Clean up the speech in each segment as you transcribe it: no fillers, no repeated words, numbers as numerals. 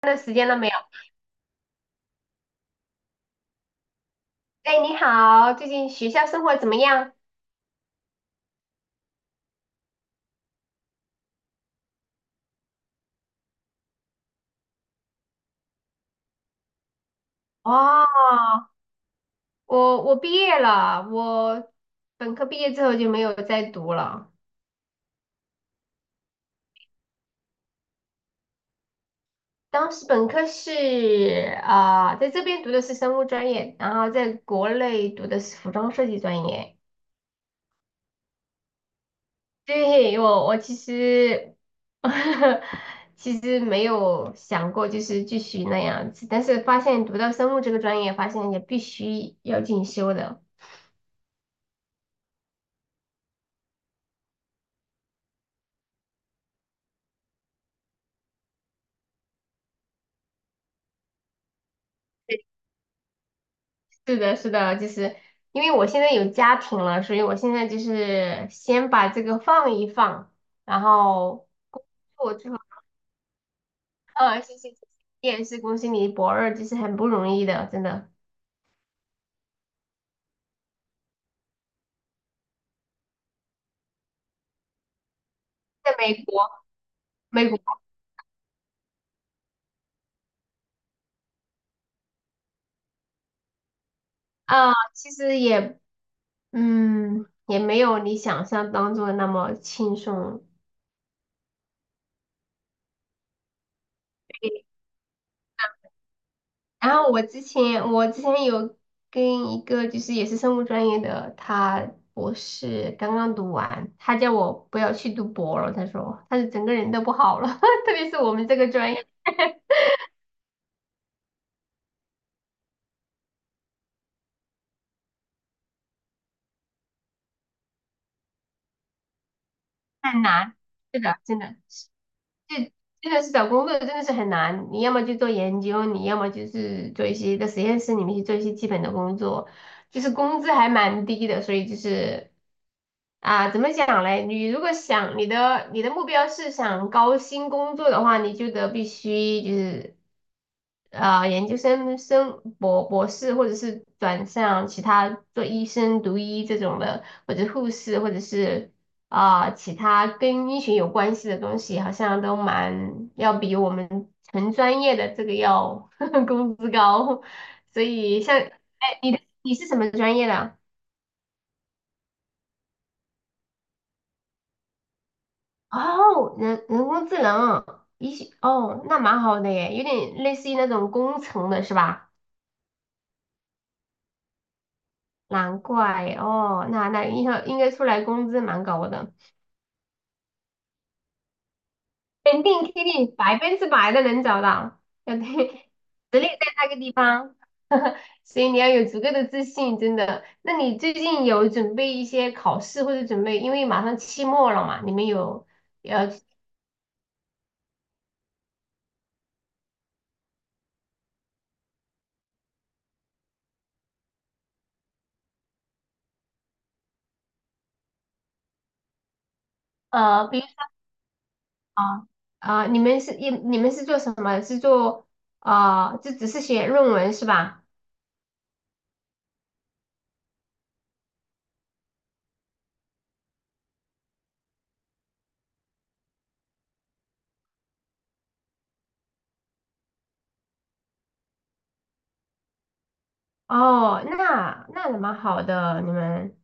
那时间了没有？哎，你好，最近学校生活怎么样？哦，我毕业了，我本科毕业之后就没有再读了。当时本科是在这边读的是生物专业，然后在国内读的是服装设计专业。对，我其实 其实没有想过就是继续那样子，但是发现读到生物这个专业，发现也必须要进修的。是的，是的，就是因为我现在有家庭了，所以我现在就是先把这个放一放，然后我最后，嗯，谢谢，谢谢你也是恭喜你博二，就是很不容易的，真的。在美国，美国其实也，也没有你想象当中的那么轻松。然后我之前有跟一个就是也是生物专业的，他博士刚刚读完，他叫我不要去读博了，他说他是整个人都不好了，特别是我们这个专业太难，是的，真的。这真的是找工作真的是很难，你要么就做研究，你要么就是做一些在实验室里面去做一些基本的工作，就是工资还蛮低的，所以就是怎么讲嘞？你如果想你的目标是想高薪工作的话，你就得必须就是研究生生博士，或者是转向其他做医生、读医这种的，或者护士，或者是其他跟医学有关系的东西，好像都蛮要比我们纯专业的这个要 工资高。所以像，哎，你是什么专业的？哦，人工智能，医学，哦，那蛮好的耶，有点类似于那种工程的是吧？难怪哦，那应该出来工资蛮高的。肯定肯定百分之百的能找到，要对 实力在那个地方，所以你要有足够的自信，真的。那你最近有准备一些考试或者准备，因为马上期末了嘛，你们有呃比如啊你们是做什么？是做就只是写论文是吧？哦，那也蛮好的，你们实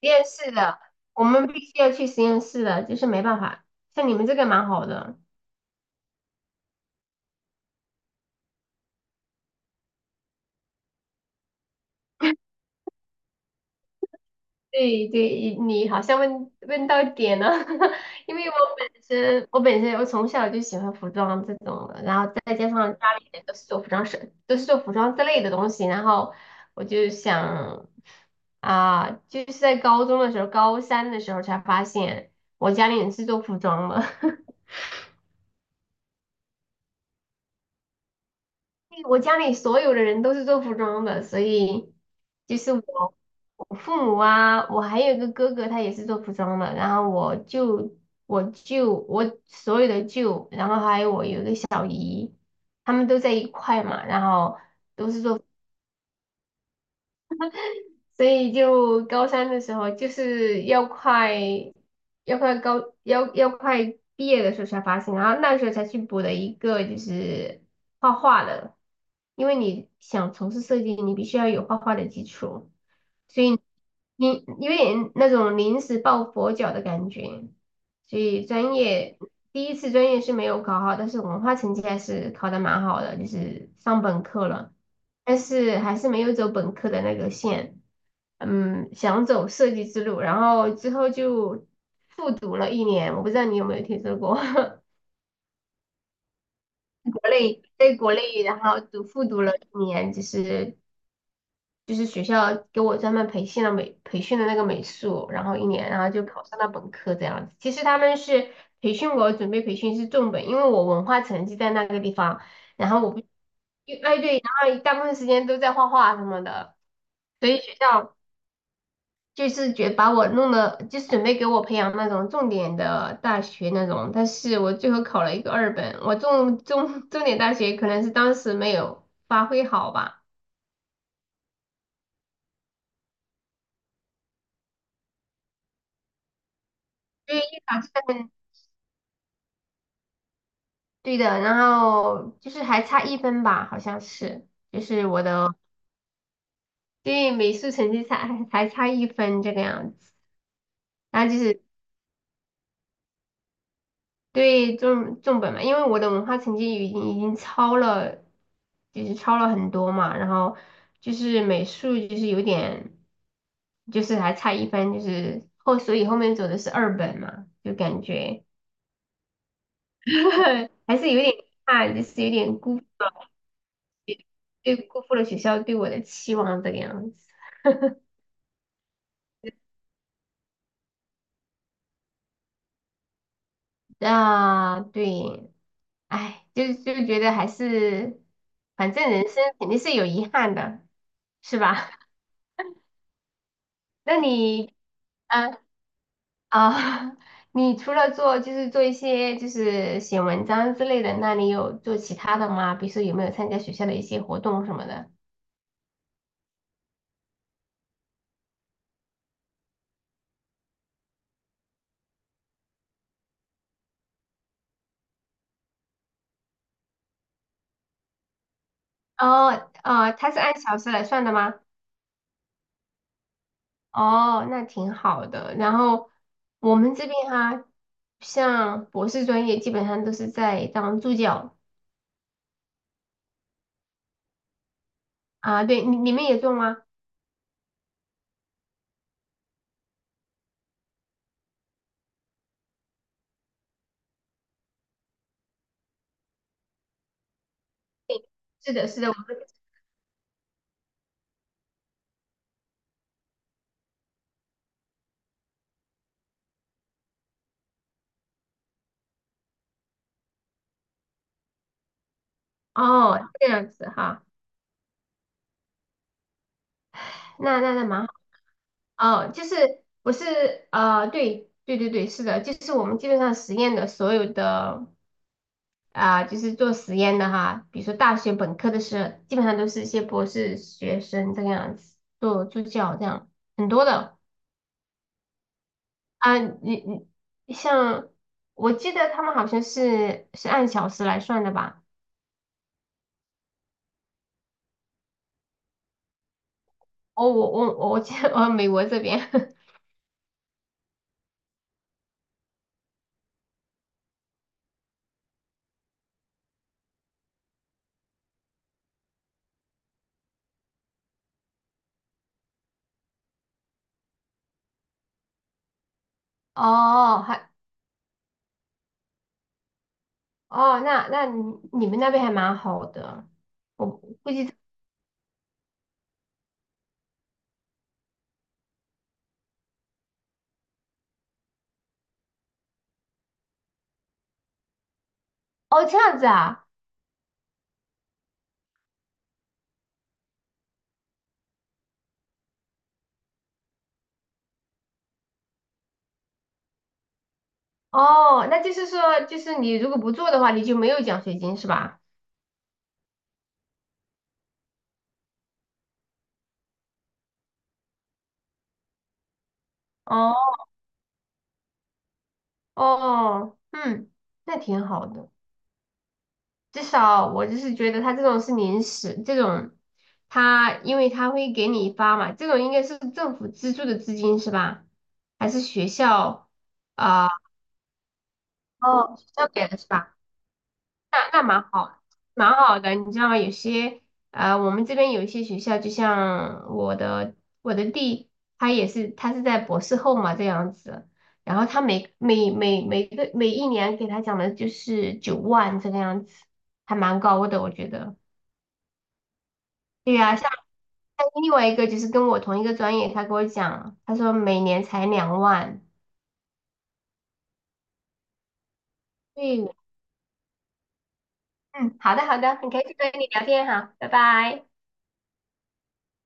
验室的，我们必须要去实验室的，就是没办法，像你们这个蛮好的。对对，你好像问到点了，因为我本身我从小就喜欢服装这种的，然后再加上家里人都是做服装设，都是做服装之类的东西，然后我就想就是在高中的时候，高三的时候才发现我家里人是做服装的，我家里所有的人都是做服装的，所以就是我，我父母啊，我还有一个哥哥，他也是做服装的，然后我舅，我舅，我所有的舅，然后还有我有一个小，他们都在一块嘛，然后。都是做。所以就高三的时候，就是要快要快高要要快毕业的时候才发现，然后那时候才去补了一个就是画画的，因为你想从事设计，你必须要有画画的基础，所以你因为那种临时抱佛脚的感觉，所以专业第一次专业是没有考好，但是文化成绩还是考的蛮好的，就是上本科了，但是还是没有走本科的那个线。嗯，想走设计之路，然后之后就复读了一年，我不知道你有没有听说过，国内在国内，然后读复读了一年，就是就是学校给我专门培训了美培训的那个美术，然后一年，然后就考上了本科这样子。其实他们是培训我，准备培训是重本，因为我文化成绩在那个地方，然后我不，哎对，然后大部分时间都在画画什么的，所以学校。就是觉得把我弄的，就是准备给我培养那种重点的大学那种，但是我最后考了一个二本，我重点大学可能是当时没有发挥好吧，对，以一考证对的，然后就是还差一分吧，好像是，就是我的对美术成绩差还差一分这个样子，然后就是对重本嘛，因为我的文化成绩已经超了，就是超了很多嘛，然后就是美术就是有点，就是还差一分，就是后所以后面走的是二本嘛，就感觉 还是有点怕，就是有点辜对辜负了学校对我的期望这个样子。啊，对，哎，就是就觉得还是，反正人生肯定是有遗憾的，是吧？那你？呃啊，你除了做就是做一些就是写文章之类的，那你有做其他的吗？比如说有没有参加学校的一些活动什么的？哦，呃，他是按小时来算的吗？哦，那挺好的。然后我们这边哈、像博士专业基本上都是在当助教啊，对，你们也做吗？对，是的，是的，我们哦这样子哈，那蛮好。哦，就是不是呃，对对对对，是的，就是我们基本上实验的所有的就是做实验的哈，比如说大学本科的时候基本上都是一些博士学生这个样子做助教这样，很多的啊、你你像我记得他们好像是是按小时来算的吧？哦，我记得 哦，美国这边 哦，还哦，那那你们那边还蛮好的，我哦这样子啊。哦，那就是说，就是你如果不做的话，你就没有奖学金是吧？哦哦，嗯，那挺好的。至少我就是觉得他这种是临时，这种他因为他会给你发嘛，这种应该是政府资助的资金是吧？还是学校啊？哦，学校给的是吧？那蛮好，蛮好的。你知道有些呃，我们这边有一些学校，就像我的弟，他也是他在博士后嘛这样子，然后他每一年给他讲的就是9万这个样子，还蛮高的我觉得。对呀、像另外一个就是跟我同一个专业，他跟我讲，他说每年才2万。对，嗯，好的好的，很开心跟你聊天哈，拜拜。